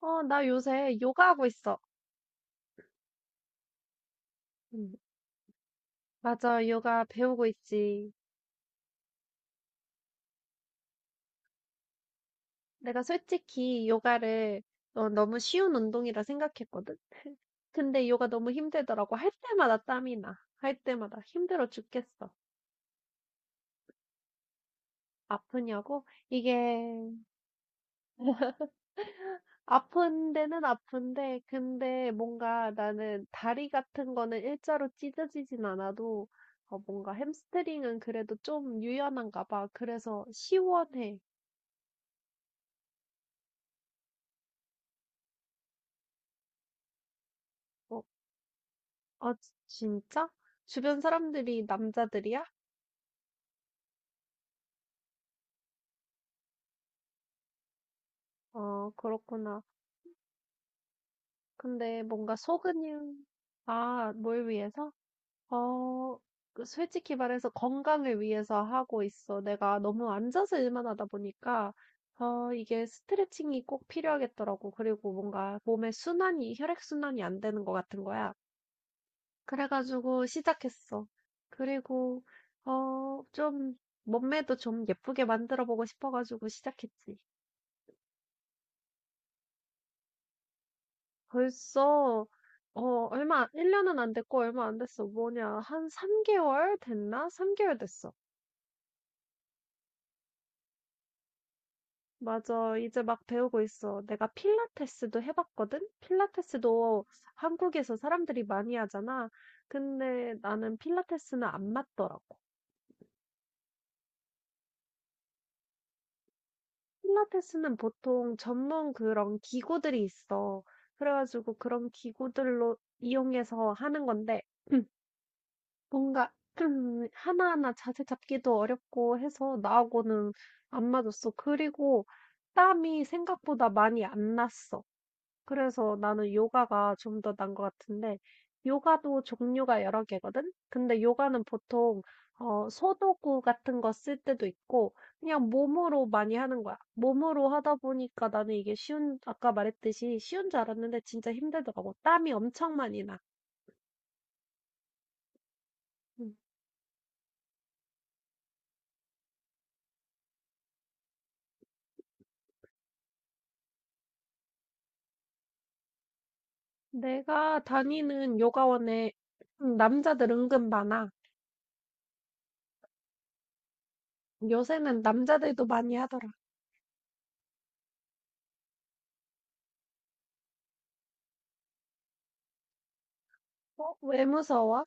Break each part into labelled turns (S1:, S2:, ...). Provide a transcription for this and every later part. S1: 어, 나 요새 요가하고 있어. 음, 맞아, 요가 배우고 있지. 내가 솔직히 요가를 너무 쉬운 운동이라 생각했거든. 근데 요가 너무 힘들더라고. 할 때마다 땀이 나. 할 때마다 힘들어 죽겠어. 아프냐고? 이게 아픈 데는 아픈데, 근데 뭔가 나는 다리 같은 거는 일자로 찢어지진 않아도 뭔가 햄스트링은 그래도 좀 유연한가 봐. 그래서 시원해. 어, 아, 진짜? 주변 사람들이 남자들이야? 어, 그렇구나. 근데 뭔가 속은, 아, 뭘 위해서? 어, 그 솔직히 말해서 건강을 위해서 하고 있어. 내가 너무 앉아서 일만 하다 보니까, 이게 스트레칭이 꼭 필요하겠더라고. 그리고 뭔가 몸의 순환이, 혈액순환이 안 되는 것 같은 거야. 그래가지고 시작했어. 그리고, 어, 좀, 몸매도 좀 예쁘게 만들어 보고 싶어가지고 시작했지. 벌써 어 얼마 1 년은 안 됐고 얼마 안 됐어. 뭐냐? 한 3 개월 됐나? 3 개월 됐어. 맞아. 이제 막 배우고 있어. 내가 필라테스도 해 봤거든. 필라테스도 한국에서 사람들이 많이 하잖아. 근데 나는 필라테스는 안 맞더라고. 필라테스는 보통 전문 그런 기구들이 있어. 그래 가지고 그런 기구들로 이용해서 하는 건데 뭔가 좀 하나하나 자세 잡기도 어렵고 해서 나하고는 안 맞았어. 그리고 땀이 생각보다 많이 안 났어. 그래서 나는 요가가 좀 더 난 것 같은데, 요가도 종류가 여러 개거든? 근데 요가는 보통, 소도구 같은 거 쓸 때도 있고, 그냥 몸으로 많이 하는 거야. 몸으로 하다 보니까 나는 이게 쉬운, 아까 말했듯이 쉬운 줄 알았는데 진짜 힘들더라고. 땀이 엄청 많이 나. 음. 내가 다니는 요가원에 남자들 은근 많아. 요새는 남자들도 많이 하더라. 어? 왜 무서워?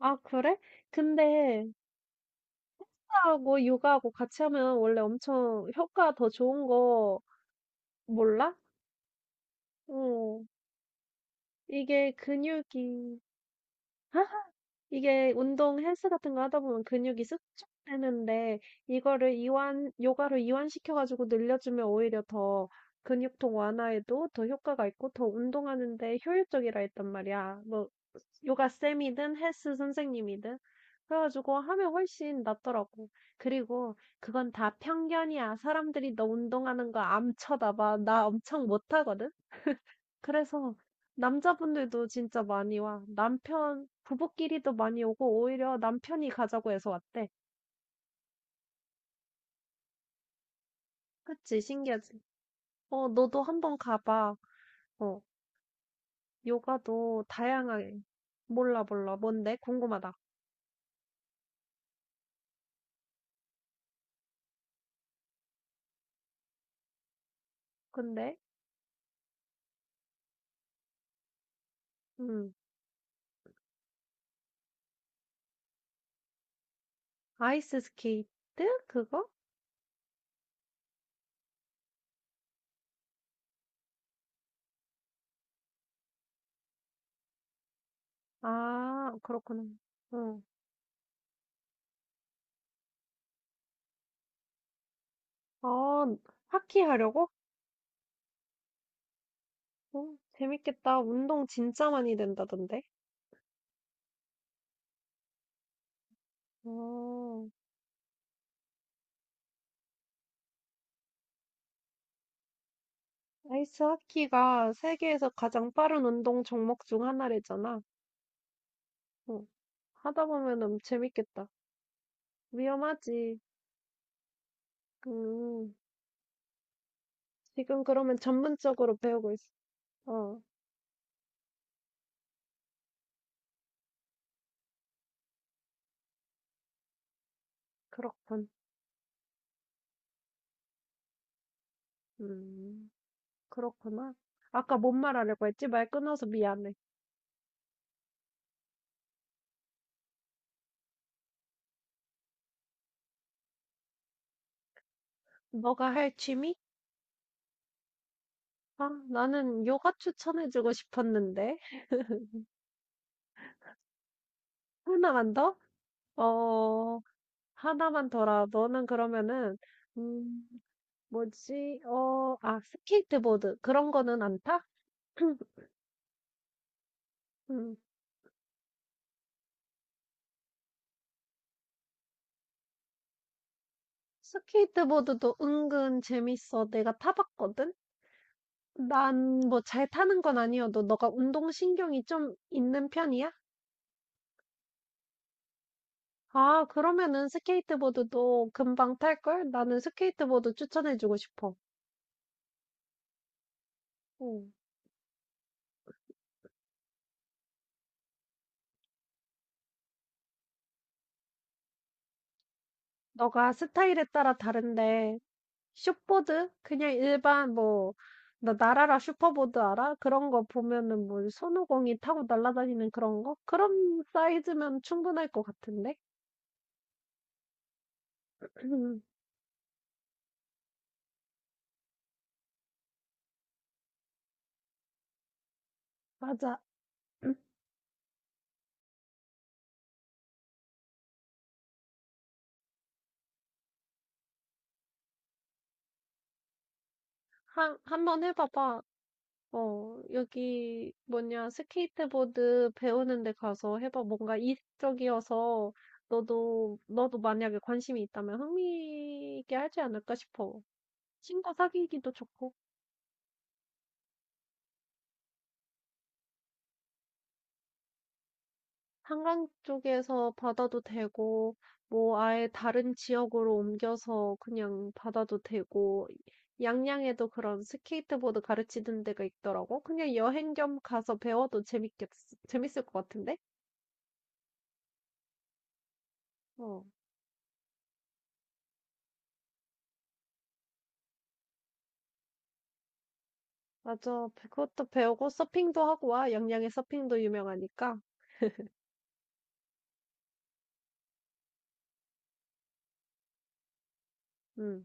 S1: 아, 그래? 근데 하고 요가하고 같이 하면 원래 엄청 효과 더 좋은 거 몰라? 어, 이게 근육이 이게 운동 헬스 같은 거 하다 보면 근육이 수축되는데 이거를 이완 요가로 이완시켜 가지고 늘려주면 오히려 더 근육통 완화에도 더 효과가 있고 더 운동하는 데 효율적이라 했단 말이야. 뭐 요가 쌤이든 헬스 선생님이든 그래가지고 하면 훨씬 낫더라고. 그리고 그건 다 편견이야. 사람들이 너 운동하는 거 암 쳐다봐. 나 엄청 못하거든. 그래서 남자분들도 진짜 많이 와. 남편 부부끼리도 많이 오고 오히려 남편이 가자고 해서 왔대. 그치? 신기하지? 어, 너도 한번 가봐. 어, 요가도 다양하게. 몰라, 몰라. 뭔데? 궁금하다. 근데, 음, 아이스 스케이트? 그거? 아, 그렇구나. 응. 아, 하키 하려고? 어, 재밌겠다. 운동 진짜 많이 된다던데. 어. 아이스 하키가 세계에서 가장 빠른 운동 종목 중 하나래잖아. 어, 하다 보면은 재밌겠다. 위험하지. 음, 지금 그러면 전문적으로 배우고 있어. 어, 그렇군. 음, 그렇구나. 아까 뭔 말하려고 했지? 말 끊어서 미안해. 너가 할 취미? 아, 나는 요가 추천해주고 싶었는데. 하나만 더? 어, 하나만 더라. 너는 그러면은, 음, 뭐지? 어, 아, 스케이트보드. 그런 거는 안 타? 음, 스케이트보드도 은근 재밌어. 내가 타봤거든? 난 뭐 잘 타는 건 아니어도 너가 운동신경이 좀 있는 편이야? 아, 그러면은 스케이트보드도 금방 탈걸? 나는 스케이트보드 추천해주고 싶어. 응. 너가 스타일에 따라 다른데 숏보드? 그냥 일반 뭐 나 나라라 슈퍼보드 알아? 그런 거 보면은 뭐 손오공이 타고 날아다니는 그런 거? 그런 사이즈면 충분할 것 같은데? 맞아. 한번 해봐봐. 어, 여기 뭐냐, 스케이트보드 배우는 데 가서 해봐. 뭔가 이색적이어서 너도 만약에 관심이 있다면 흥미 있게 하지 않을까 싶어. 친구 사귀기도 좋고. 한강 쪽에서 받아도 되고, 뭐 아예 다른 지역으로 옮겨서 그냥 받아도 되고, 양양에도 그런 스케이트보드 가르치는 데가 있더라고. 그냥 여행 겸 가서 배워도 재밌을 것 같은데? 어, 맞아. 그것도 배우고 서핑도 하고 와. 양양에 서핑도 유명하니까. 응.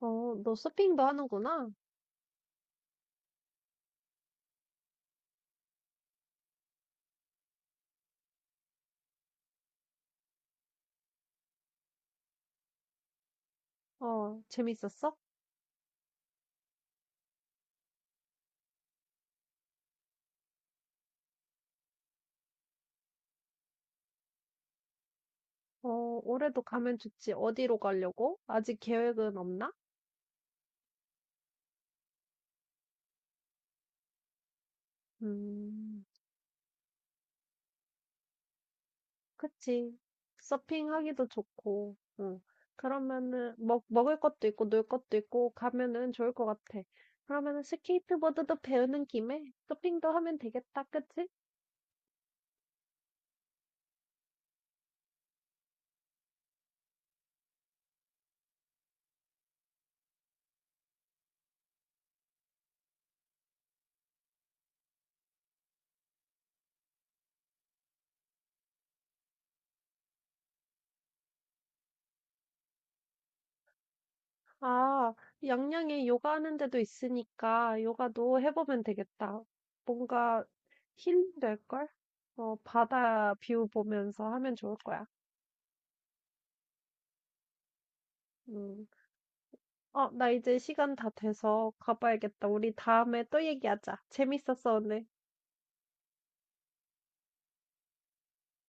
S1: 어, 너 서핑도 하는구나. 어, 재밌었어? 어, 올해도 가면 좋지. 어디로 가려고? 아직 계획은 없나? 음. 그치. 서핑하기도 좋고, 응. 그러면은, 먹을 것도 있고, 놀 것도 있고, 가면은 좋을 것 같아. 그러면은 스케이트보드도 배우는 김에 서핑도 하면 되겠다, 그치? 아, 양양에 요가 하는 데도 있으니까, 요가도 해보면 되겠다. 뭔가 힐링 될걸? 어, 바다 뷰 보면서 하면 좋을 거야. 음. 어, 나 이제 시간 다 돼서 가봐야겠다. 우리 다음에 또 얘기하자. 재밌었어, 오늘.